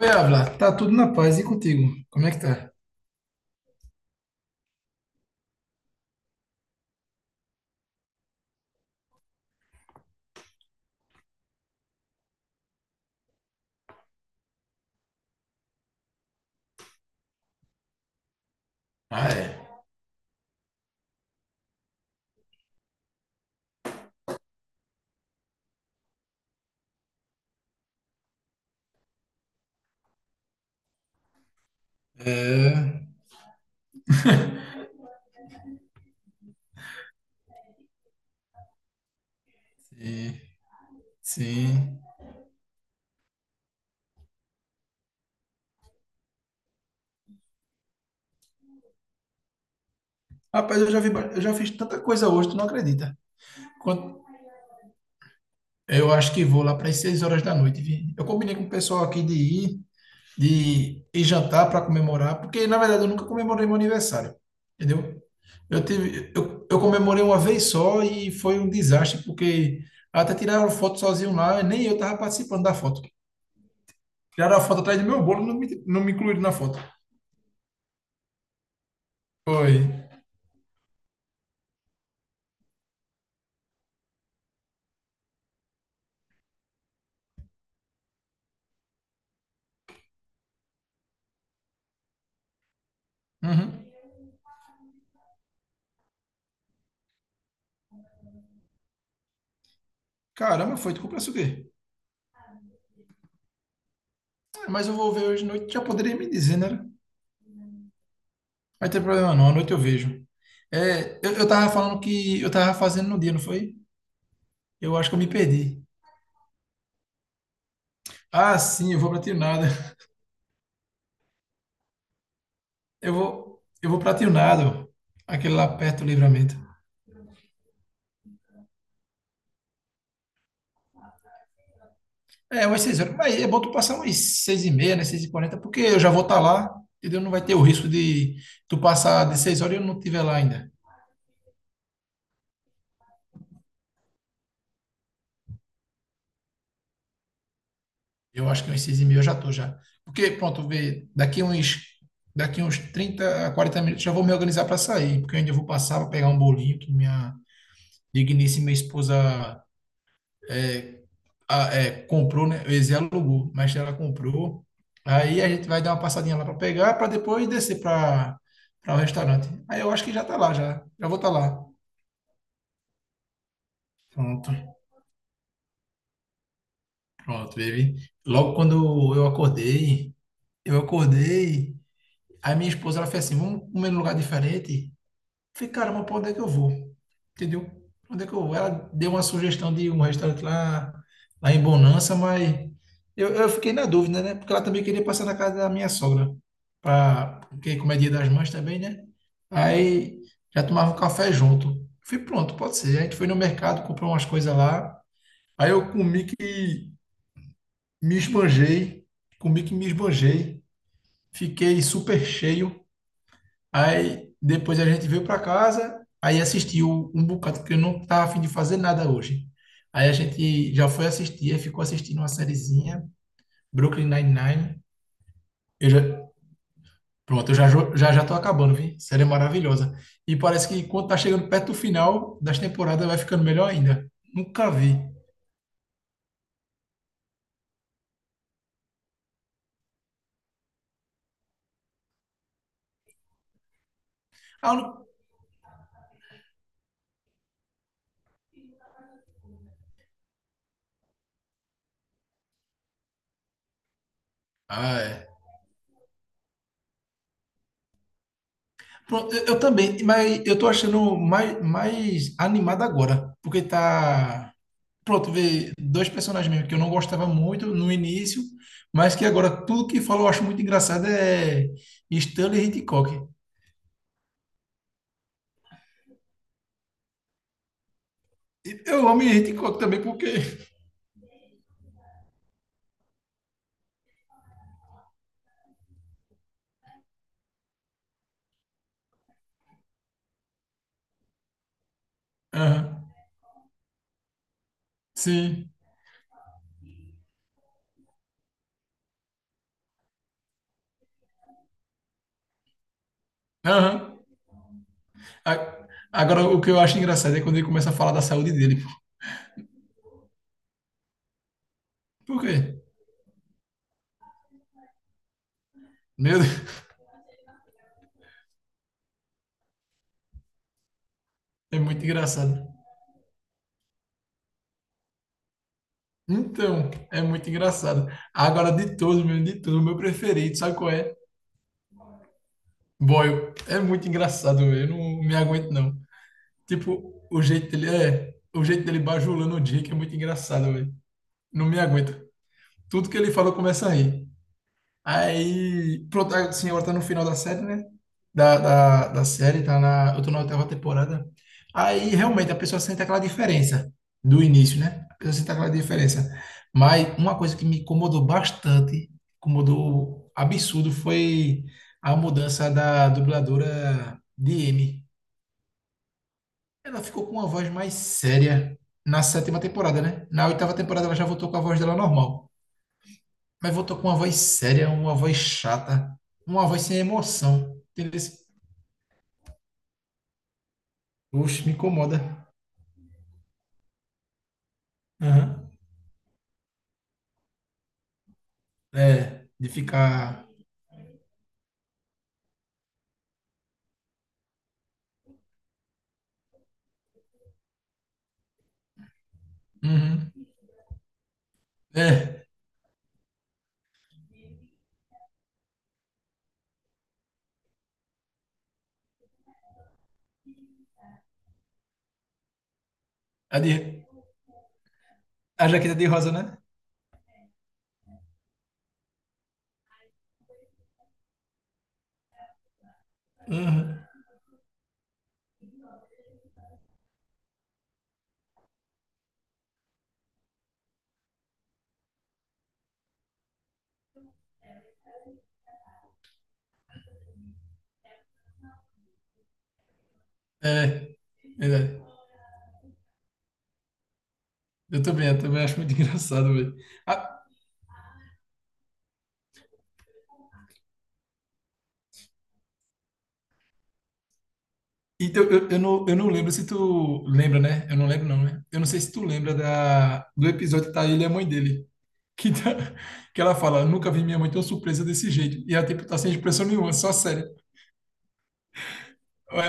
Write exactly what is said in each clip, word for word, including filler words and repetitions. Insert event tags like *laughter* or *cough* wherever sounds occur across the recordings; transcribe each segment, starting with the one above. Oi, Avla, tá tudo na paz e contigo? Como é que tá? Ah, é. É, sim, sim. Rapaz, eu já vi, ba- eu já fiz tanta coisa hoje, tu não acredita. Quant- Eu acho que vou lá para as seis horas da noite, vi? Eu combinei com o pessoal aqui de ir, de ir jantar para comemorar, porque na verdade eu nunca comemorei meu aniversário, entendeu? Eu tive, eu, eu comemorei uma vez só e foi um desastre, porque até tiraram foto sozinho lá, nem eu tava participando da foto. Tiraram a foto atrás do meu bolo, não me, não me incluíram na foto. Foi. Uhum. Caramba, foi. Tu comprasse o quê? Ah, mas eu vou ver hoje de noite. Já poderia me dizer, né? Vai ter problema não. À noite eu vejo. É, eu, eu tava falando que eu tava fazendo no dia, não foi? Eu acho que eu me perdi. Ah, sim, eu vou pra Tionado. *laughs* Eu vou, eu vou pra Tionado. Aquele lá perto do Livramento. É, umas seis horas. Mas é bom tu passar umas seis e meia, né? Seis e quarenta, porque eu já vou estar lá. Entendeu? Não vai ter o risco de tu passar de seis horas e eu não estiver lá ainda. Eu acho que uns seis e meia eu já tô já. Porque, pronto, vê, daqui uns, daqui uns trinta a quarenta minutos já vou me organizar para sair, porque eu ainda vou passar para pegar um bolinho que minha digníssima esposa é, a- é, comprou, né? Eu ia dizer alugou, mas ela comprou. Aí a gente vai dar uma passadinha lá para pegar, para depois descer para para o restaurante. Aí eu acho que já tá lá, já. Já vou estar lá. Pronto, pronto, baby. Logo quando eu acordei, eu acordei. Aí minha esposa, ela fez assim, vamos comer num lugar diferente? Eu falei, caramba, pra onde é que eu vou? Entendeu? Pra onde é que eu vou? Ela deu uma sugestão de um restaurante lá, lá em Bonança, mas eu, eu fiquei na dúvida, né? Porque ela também queria passar na casa da minha sogra, pra, porque como é dia das mães também, né? Aí já tomava um café junto. Eu Falei, pronto, pode ser. A gente foi no mercado, comprou umas coisas lá. Aí eu comi que me esbanjei, comi que me esbanjei. Fiquei super cheio. Aí depois a gente veio para casa, aí assistiu um bocado, porque eu não estava a fim de fazer nada hoje. Aí a gente já foi assistir, aí ficou assistindo uma sériezinha, Brooklyn Nine-Nine. Eu já, pronto, eu já, jo- já já tô acabando, vi? Série maravilhosa. E parece que quando tá chegando perto do final das temporadas vai ficando melhor ainda. Nunca vi. Ah, eu não- ah, é. Pronto, eu, eu também, mas eu tô achando mais, mais animado agora, porque tá pronto, ver dois personagens mesmo que eu não gostava muito no início, mas que agora tudo que fala eu acho muito engraçado é Stanley Hitchcock. Eu amo Hitchcock também porque. Aham, sim. Aham. A- Agora, o que eu acho engraçado é quando ele começa a falar da saúde dele. Por quê? Meu Deus, é muito engraçado. Então, é muito engraçado. Agora, de todos, meu, de todos, o meu preferido, sabe qual é? Boyle. É muito engraçado, eu não me aguento, não. Tipo, o jeito dele é, o jeito dele bajulando o Jake é muito engraçado, velho. Não me aguento. Tudo que ele falou começa a rir. Aí, pronto, a senhora tá no final da série, né? Da, da, da série, tá na, eu tô na oitava temporada. Aí, realmente, a pessoa sente aquela diferença do início, né? A pessoa sente aquela diferença. Mas uma coisa que me incomodou bastante, incomodou absurdo, foi a mudança da dubladora de M, ela ficou com uma voz mais séria na sétima temporada, né? Na oitava temporada ela já voltou com a voz dela normal. Mas voltou com uma voz séria, uma voz chata, uma voz sem emoção. Entendeu? Oxe, me incomoda. Aham. É, de ficar. Uhum. É, a, de... a jaqueta de rosa, né? Uhum. É, verdade. Eu também, eu também acho muito *laughs* engraçado, velho. Então, eu, eu, não, eu não lembro se tu lembra, né? Eu não lembro, não, né? Eu não sei se tu lembra da, do episódio que tá ele e a mãe dele. Que, tá, *laughs* que ela fala, nunca vi minha mãe tão surpresa desse jeito. E ela, tipo, tá sem expressão nenhuma, só séria. Ué,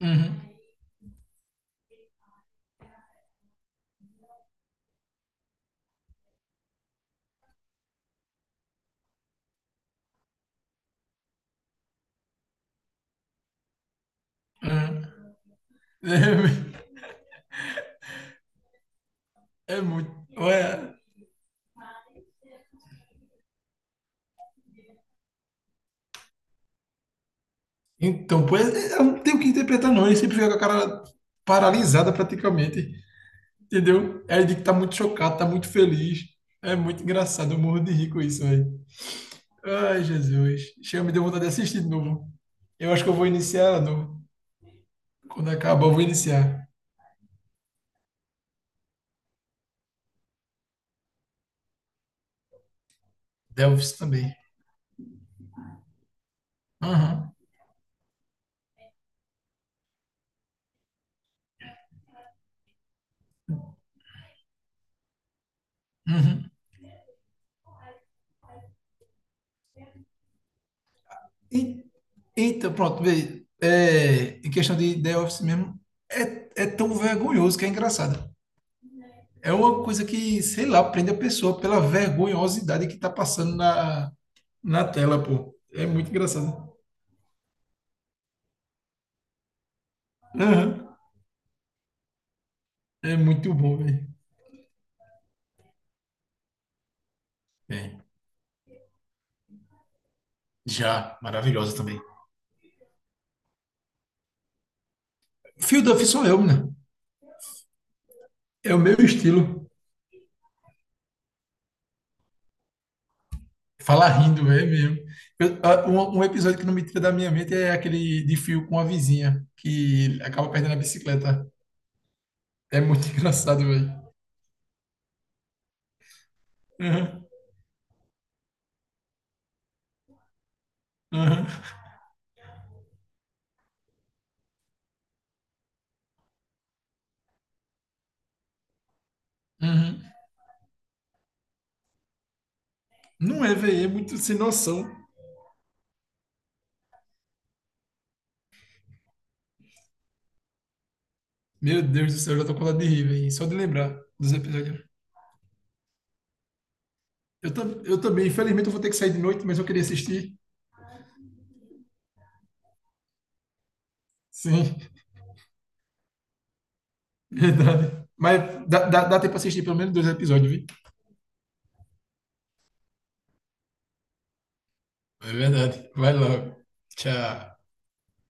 uhum, uhum. É, é muito. Ué. Então, pois, é, eu não tenho o que interpretar, não. Ele sempre fica com a cara paralisada, praticamente. Entendeu? Aí ele diz que tá muito chocado, tá muito feliz. É muito engraçado, eu morro de rir com isso, velho. Ai, Jesus. Chega, me deu vontade de assistir de novo. Eu acho que eu vou iniciar ela de novo. Quando acabar, eu vou iniciar. Delves também. Aham. Uhum. E- Eita, pronto, vê. É, em questão de The Office mesmo, é, é tão vergonhoso que é engraçado. É uma coisa que, sei lá, prende a pessoa pela vergonhosidade que tá passando na, na tela, pô. É muito engraçado. Aham. É muito bom, velho. Bem, já, maravilhosa também. Fio Duff sou eu, né? É o meu estilo. Fala rindo, é mesmo. Eu- ah, um, um episódio que não me tira da minha mente é aquele de fio com a vizinha, que acaba perdendo a bicicleta. É muito *laughs* engraçado, velho. Uhum, uhum, uhum. Não é, velho, é muito sem noção. Meu Deus do céu, eu já tô com vontade de rir, velho. Só de lembrar dos episódios. Eu, tam- eu também, infelizmente, eu vou ter que sair de noite, mas eu queria assistir. Sim, *laughs* verdade. Mas dá, dá, dá tempo pra assistir pelo menos dois episódios, viu? É verdade. Vai logo. Tchau.